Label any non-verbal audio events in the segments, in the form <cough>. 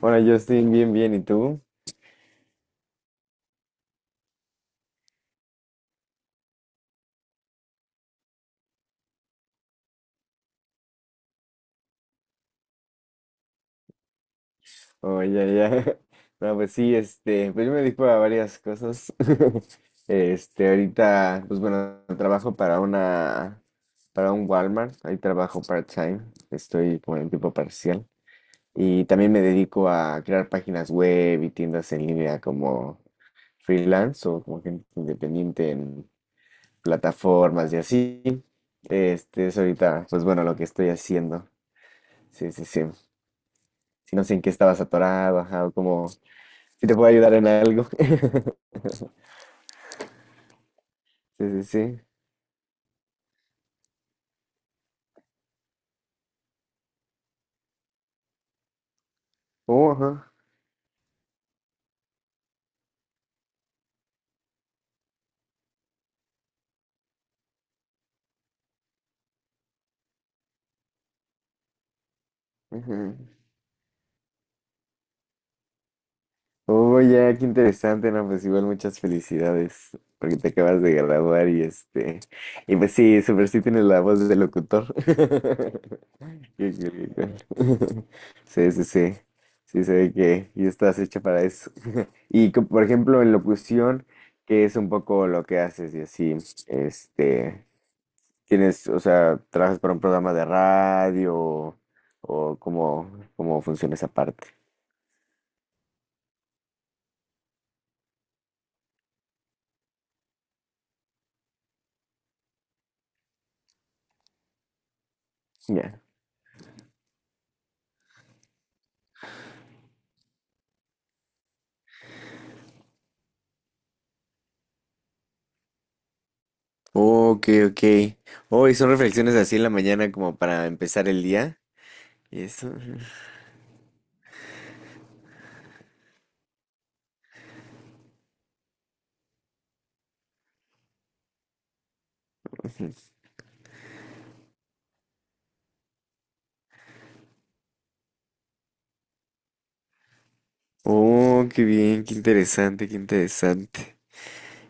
Hola Justin, bien, bien, ¿y tú? Oye, ya, ya. <laughs> No, pues sí, pues yo me dedico a varias cosas. <laughs> Ahorita, pues bueno, trabajo para un Walmart, ahí trabajo part-time, estoy como en tiempo parcial. Y también me dedico a crear páginas web y tiendas en línea como freelance o como gente independiente en plataformas y así. Este es ahorita, pues bueno, lo que estoy haciendo. Sí, sí, sí. Si no sé en qué estabas atorado, ajá, o como si te puedo ayudar en algo. <laughs> Sí, sí, sí. Oh, ajá. Ajá. Oh, ya, qué interesante, no, pues igual muchas felicidades, porque te acabas de graduar y y pues sí, super sí tienes la voz de locutor. <laughs> Qué cool. <laughs> Sí, sí, sí. Sí, se ve que ya estás hecha para eso. Y por ejemplo, en locución, que es un poco lo que haces y así, este, tienes, o sea, ¿trabajas para un programa de radio o cómo, cómo funciona esa parte? Ya. Ok, ok. Oh, ¿y son reflexiones así en la mañana como para empezar el día? ¿Y eso? <laughs> Oh, qué bien, qué interesante, qué interesante.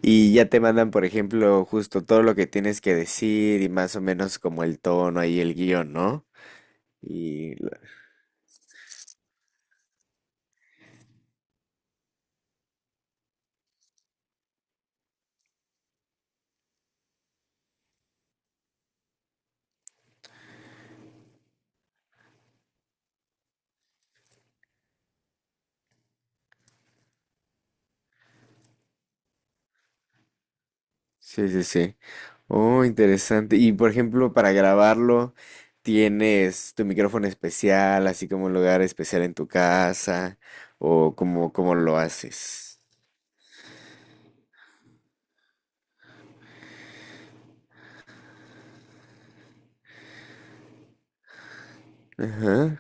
Y ya te mandan, por ejemplo, justo todo lo que tienes que decir y más o menos como el tono ahí, el guión, ¿no? Y sí, sí, sí. Oh, interesante. Y por ejemplo, para grabarlo, ¿tienes tu micrófono especial, así como un lugar especial en tu casa? ¿O cómo, cómo lo haces? Ajá.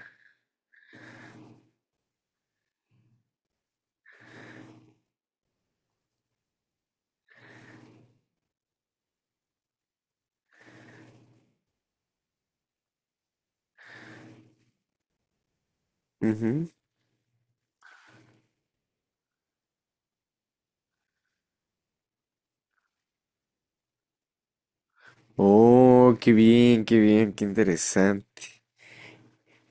Ujú. Oh, qué bien, qué bien, qué interesante.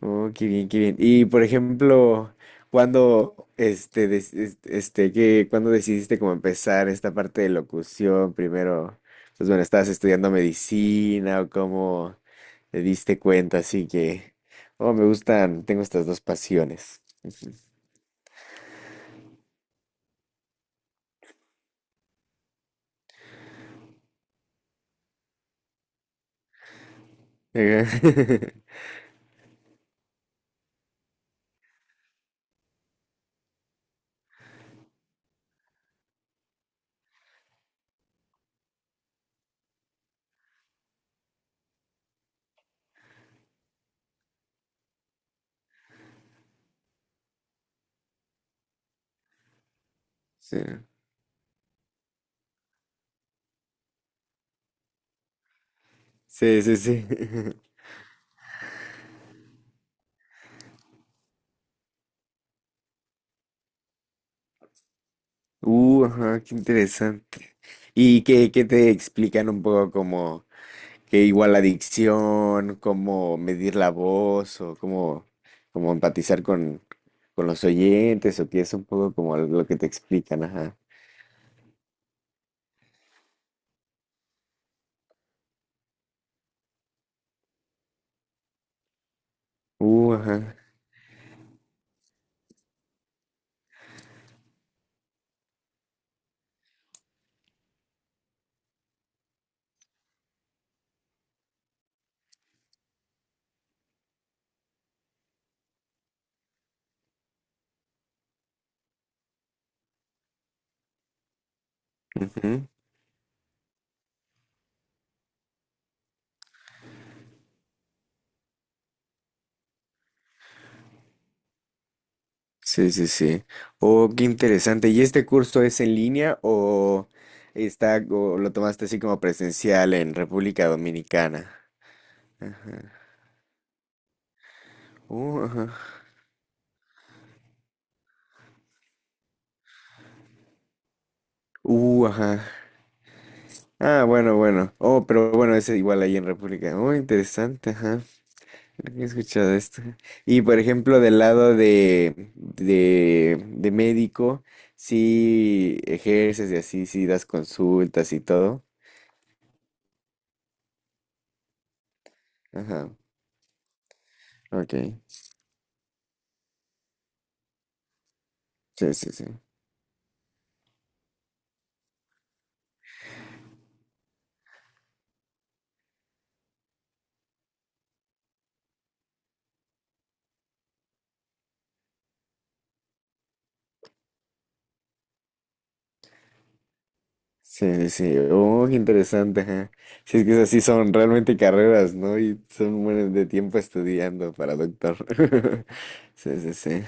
Oh, qué bien, qué bien. Y por ejemplo, cuando cuando decidiste como empezar esta parte de locución? Primero, pues bueno, ¿estabas estudiando medicina o cómo? Te diste cuenta, así que... Oh, me gustan, tengo estas dos pasiones. Ajá. <laughs> Sí, sí, sí. Sí. <laughs> Ajá, qué interesante. ¿Y qué te explican un poco como que igual la adicción, cómo medir la voz o cómo empatizar con los oyentes o qué es un poco como lo que te explican, ajá. Uh, ajá. Sí, sí, sí. Oh, qué interesante. ¿Y este curso es en línea o está o lo tomaste así como presencial en República Dominicana? Ajá. Ajá. Ajá. Ah, bueno, bueno. Oh, pero bueno, es igual ahí en República. Oh, interesante, ajá. Creo que he escuchado esto. Y por ejemplo, del lado de médico, sí ejerces y así, ¿sí das consultas y todo? Ajá. Ok. Sí, sí, sí. Sí, sí, sí. Oh, qué interesante, ajá. Sí, es que esas sí son realmente carreras, ¿no? Y son buenas de tiempo estudiando para doctor. <laughs> Sí, sí, sí.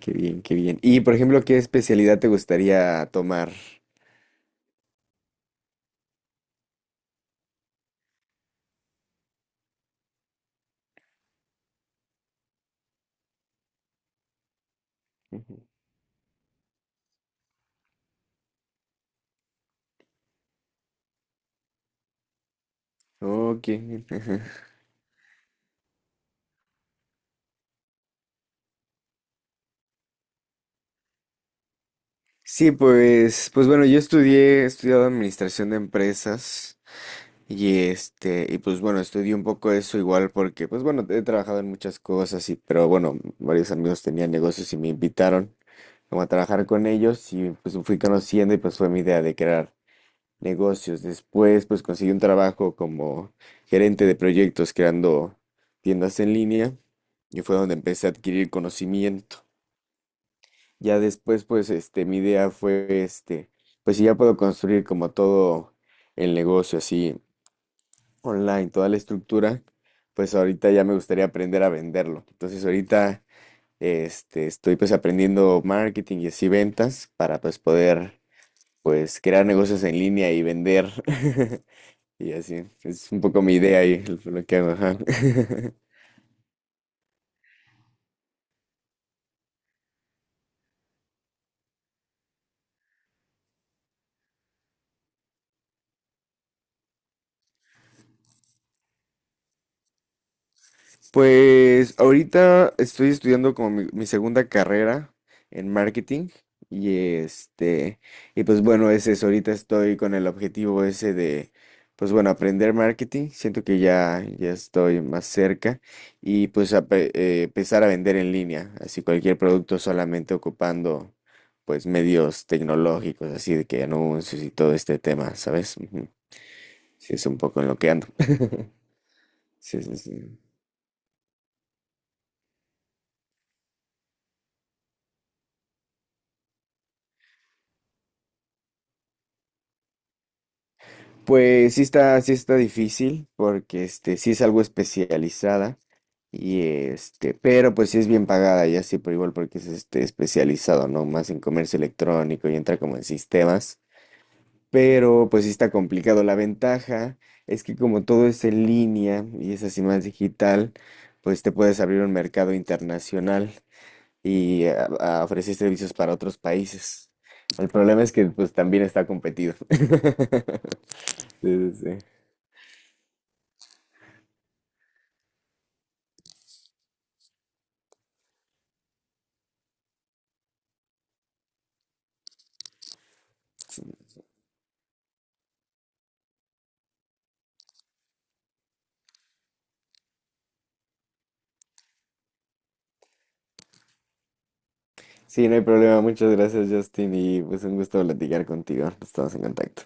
Qué bien, qué bien. Y, por ejemplo, ¿qué especialidad te gustaría tomar? Ujú. Ok. Ajá. Sí, pues, pues bueno, he estudiado administración de empresas y y pues bueno, estudié un poco eso igual porque, pues bueno, he trabajado en muchas cosas y, pero bueno, varios amigos tenían negocios y me invitaron como a trabajar con ellos y pues fui conociendo y pues fue mi idea de crear negocios. Después pues conseguí un trabajo como gerente de proyectos creando tiendas en línea y fue donde empecé a adquirir conocimiento. Ya después pues mi idea fue pues si ya puedo construir como todo el negocio así online, toda la estructura, pues ahorita ya me gustaría aprender a venderlo. Entonces ahorita estoy pues aprendiendo marketing y así ventas para pues poder pues crear negocios en línea y vender. <laughs> Y así, es un poco mi idea y lo que hago, ajá. <laughs> Pues ahorita estoy estudiando como mi segunda carrera en marketing y y pues bueno, ese es, ahorita estoy con el objetivo ese de, pues bueno, aprender marketing. Siento que ya estoy más cerca y pues empezar a vender en línea, así cualquier producto solamente ocupando pues medios tecnológicos, así de que anuncios y todo este tema, ¿sabes? Ujú. Sí, es un poco en lo que ando. <laughs> Sí, sí, sí. Pues sí está difícil porque este sí es algo especializada y este, pero pues sí es bien pagada y así pero igual porque es este especializado, ¿no? Más en comercio electrónico y entra como en sistemas, pero pues sí está complicado. La ventaja es que como todo es en línea y es así más digital, pues te puedes abrir un mercado internacional y a ofrecer servicios para otros países. El problema es que pues también está competido. <laughs> Sí, sí, sí. Sí, no hay problema. Muchas gracias, Justin, y pues un gusto platicar contigo. Estamos en contacto.